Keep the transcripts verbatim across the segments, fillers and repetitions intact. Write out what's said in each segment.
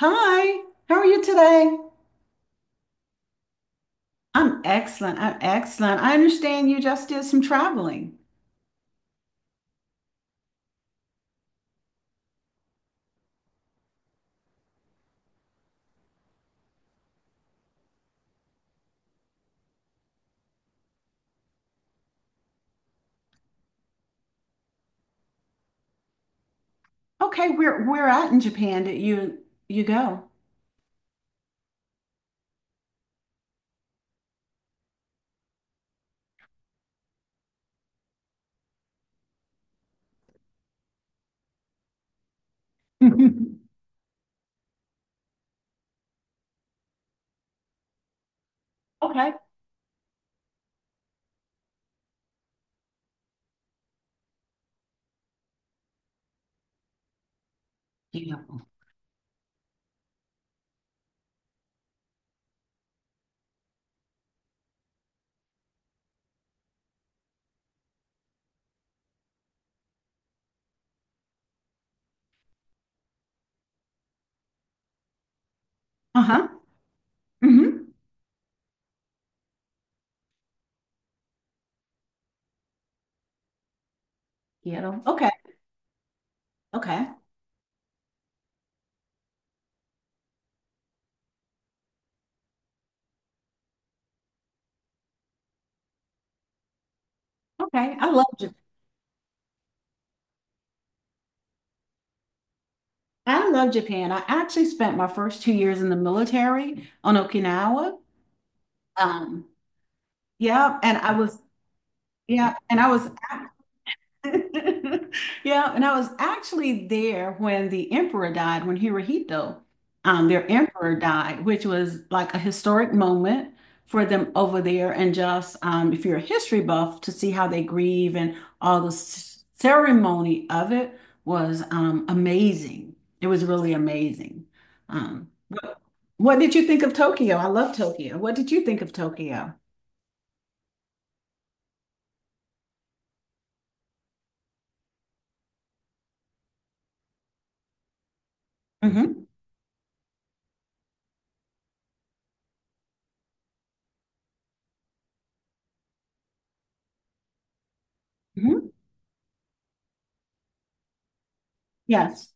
Hi, how are you today? I'm excellent. I'm excellent. I understand you just did some traveling. Okay, where where at in Japan did you you go? Okay. Yeah. Uh-huh. Mm-hmm. Kyoto. Okay. Okay. Okay. I love Japan. I love Japan. I actually spent my first two years in the military on Okinawa. Um, yeah, and I was yeah, and I was yeah, and I was actually there when the emperor died, when Hirohito, um, their emperor died, which was like a historic moment for them over there. And just um, if you're a history buff, to see how they grieve and all the s- ceremony of it was um, amazing. It was really amazing. Um, what, what did you think of Tokyo? I love Tokyo. What did you think of Tokyo? Hmm. Hmm. Yes.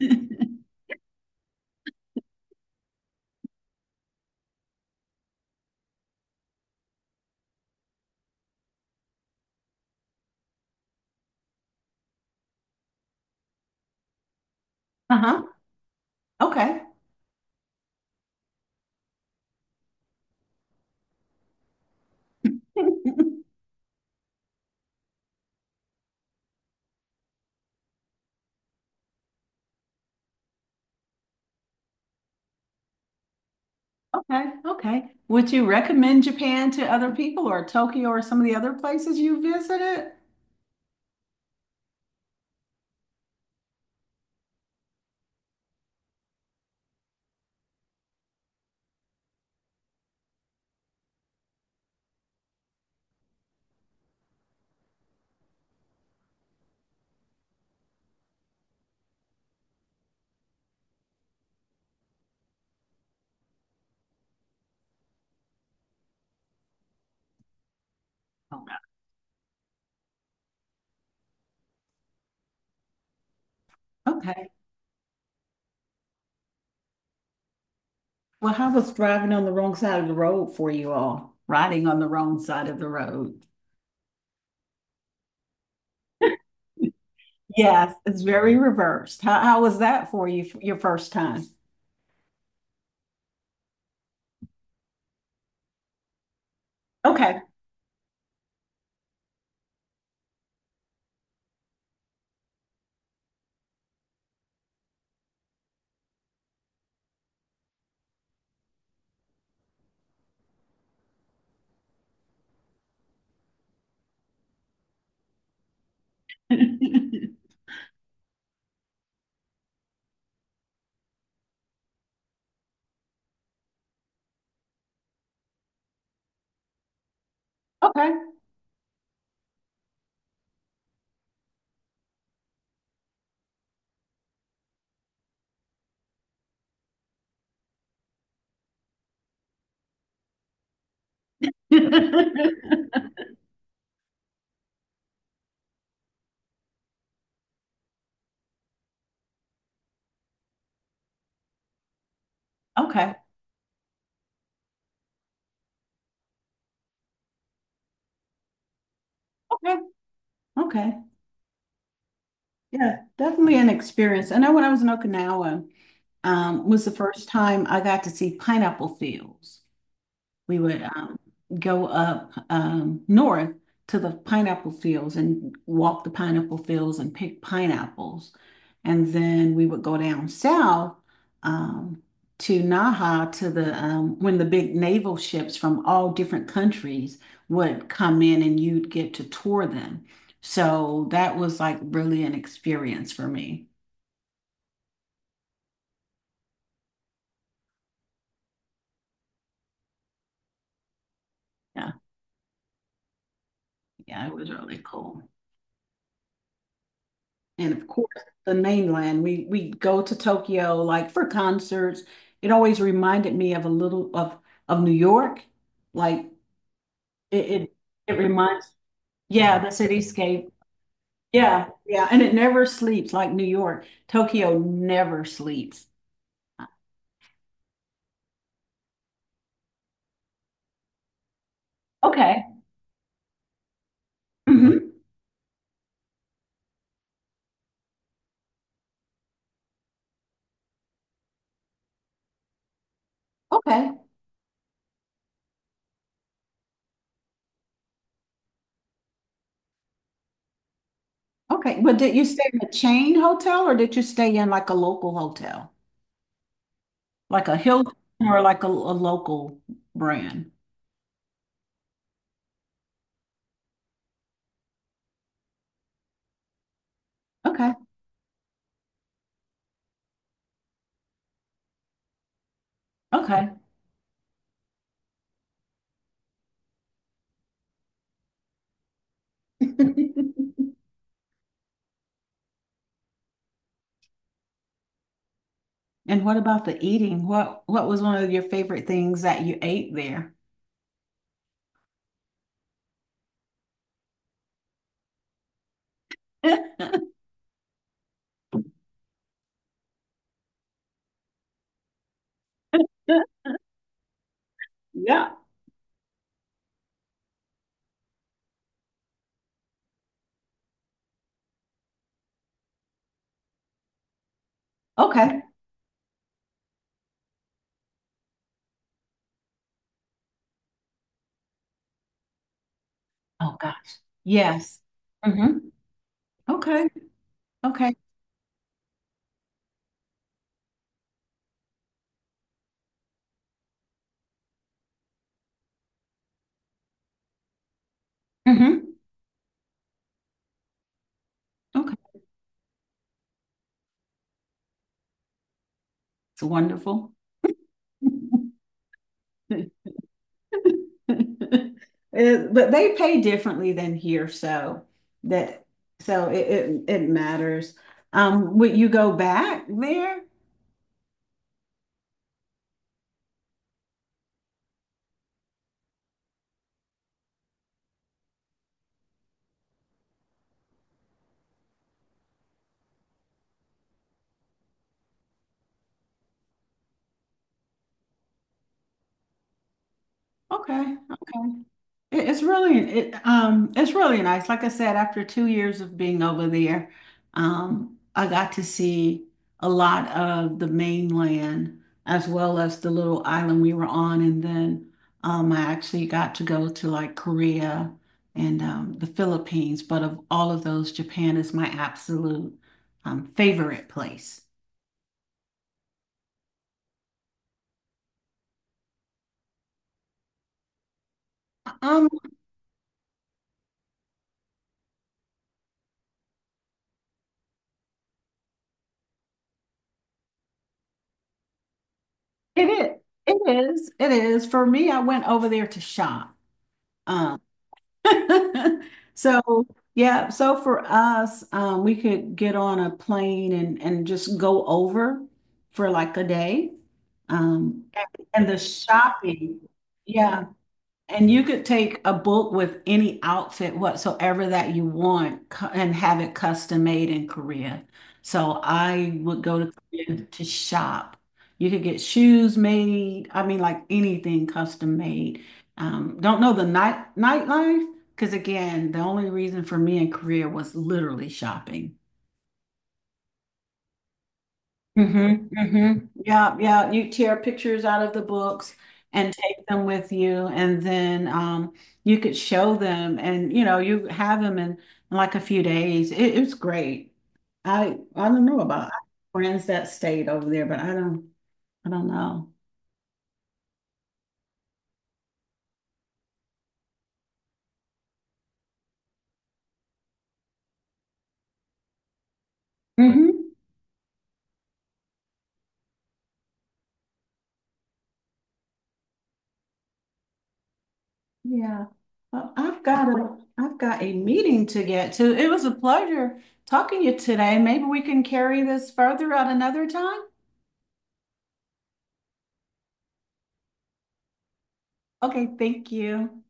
Uh-huh. Okay. Okay, okay. Would you recommend Japan to other people or Tokyo or some of the other places you visited? Oh, okay. Well, how was driving on the wrong side of the road for you all? Riding on the wrong side of the road. Yes, it's very reversed. How, how was that for you, f- your first time? Okay. Okay. Okay. Okay. Okay. Yeah, definitely an experience. I know when I was in Okinawa, um, was the first time I got to see pineapple fields. We would um, go up um, north to the pineapple fields and walk the pineapple fields and pick pineapples. And then we would go down south, um, to Naha to the um, when the big naval ships from all different countries would come in and you'd get to tour them. So that was like really an experience for me. Yeah, yeah, it was really cool. And of course, the mainland. We we go to Tokyo like for concerts. It always reminded me of a little of of New York. Like it it, it reminds, yeah, the cityscape. Yeah, yeah, and it never sleeps like New York. Tokyo never sleeps. Okay. Mhm. Okay. Okay. But did you stay in a chain hotel or did you stay in like a local hotel? Like a Hilton or like a, a local brand? Okay. Okay. And what about the eating? What what was one of your favorite things that you ate there? Yeah. Okay. Oh gosh. Yes. Mm-hmm. Okay. Okay. Mm-hmm. Okay. It's wonderful. Uh, But they pay differently than here, so that, so it it, it matters. Um, would you go back there? Okay. Okay. It- It's really it um it's really nice. Like I said, after two years of being over there, um, I got to see a lot of the mainland as well as the little island we were on, and then um, I actually got to go to like Korea and um, the Philippines. But of all of those, Japan is my absolute um, favorite place. Um, It is. It is. It is. For me, I went over there to shop. Um, so yeah, so for us, um, we could get on a plane and and just go over for like a day. Um, and the shopping, yeah. And you could take a book with any outfit whatsoever that you want cu- and have it custom made in Korea. So I would go to Korea to shop. You could get shoes made. I mean, like anything custom made. Um, don't know the night nightlife because again, the only reason for me in Korea was literally shopping. Mm-hmm, mm-hmm. Yeah, yeah. You tear pictures out of the books and take them with you, and then, um, you could show them, and you know, you have them in, in like a few days. It, it's great. I I don't know about, I have friends that stayed over there, but I don't I don't know. Hmm. Yeah. Well, I've got a I've got a meeting to get to. It was a pleasure talking to you today. Maybe we can carry this further at another time. Okay, thank you.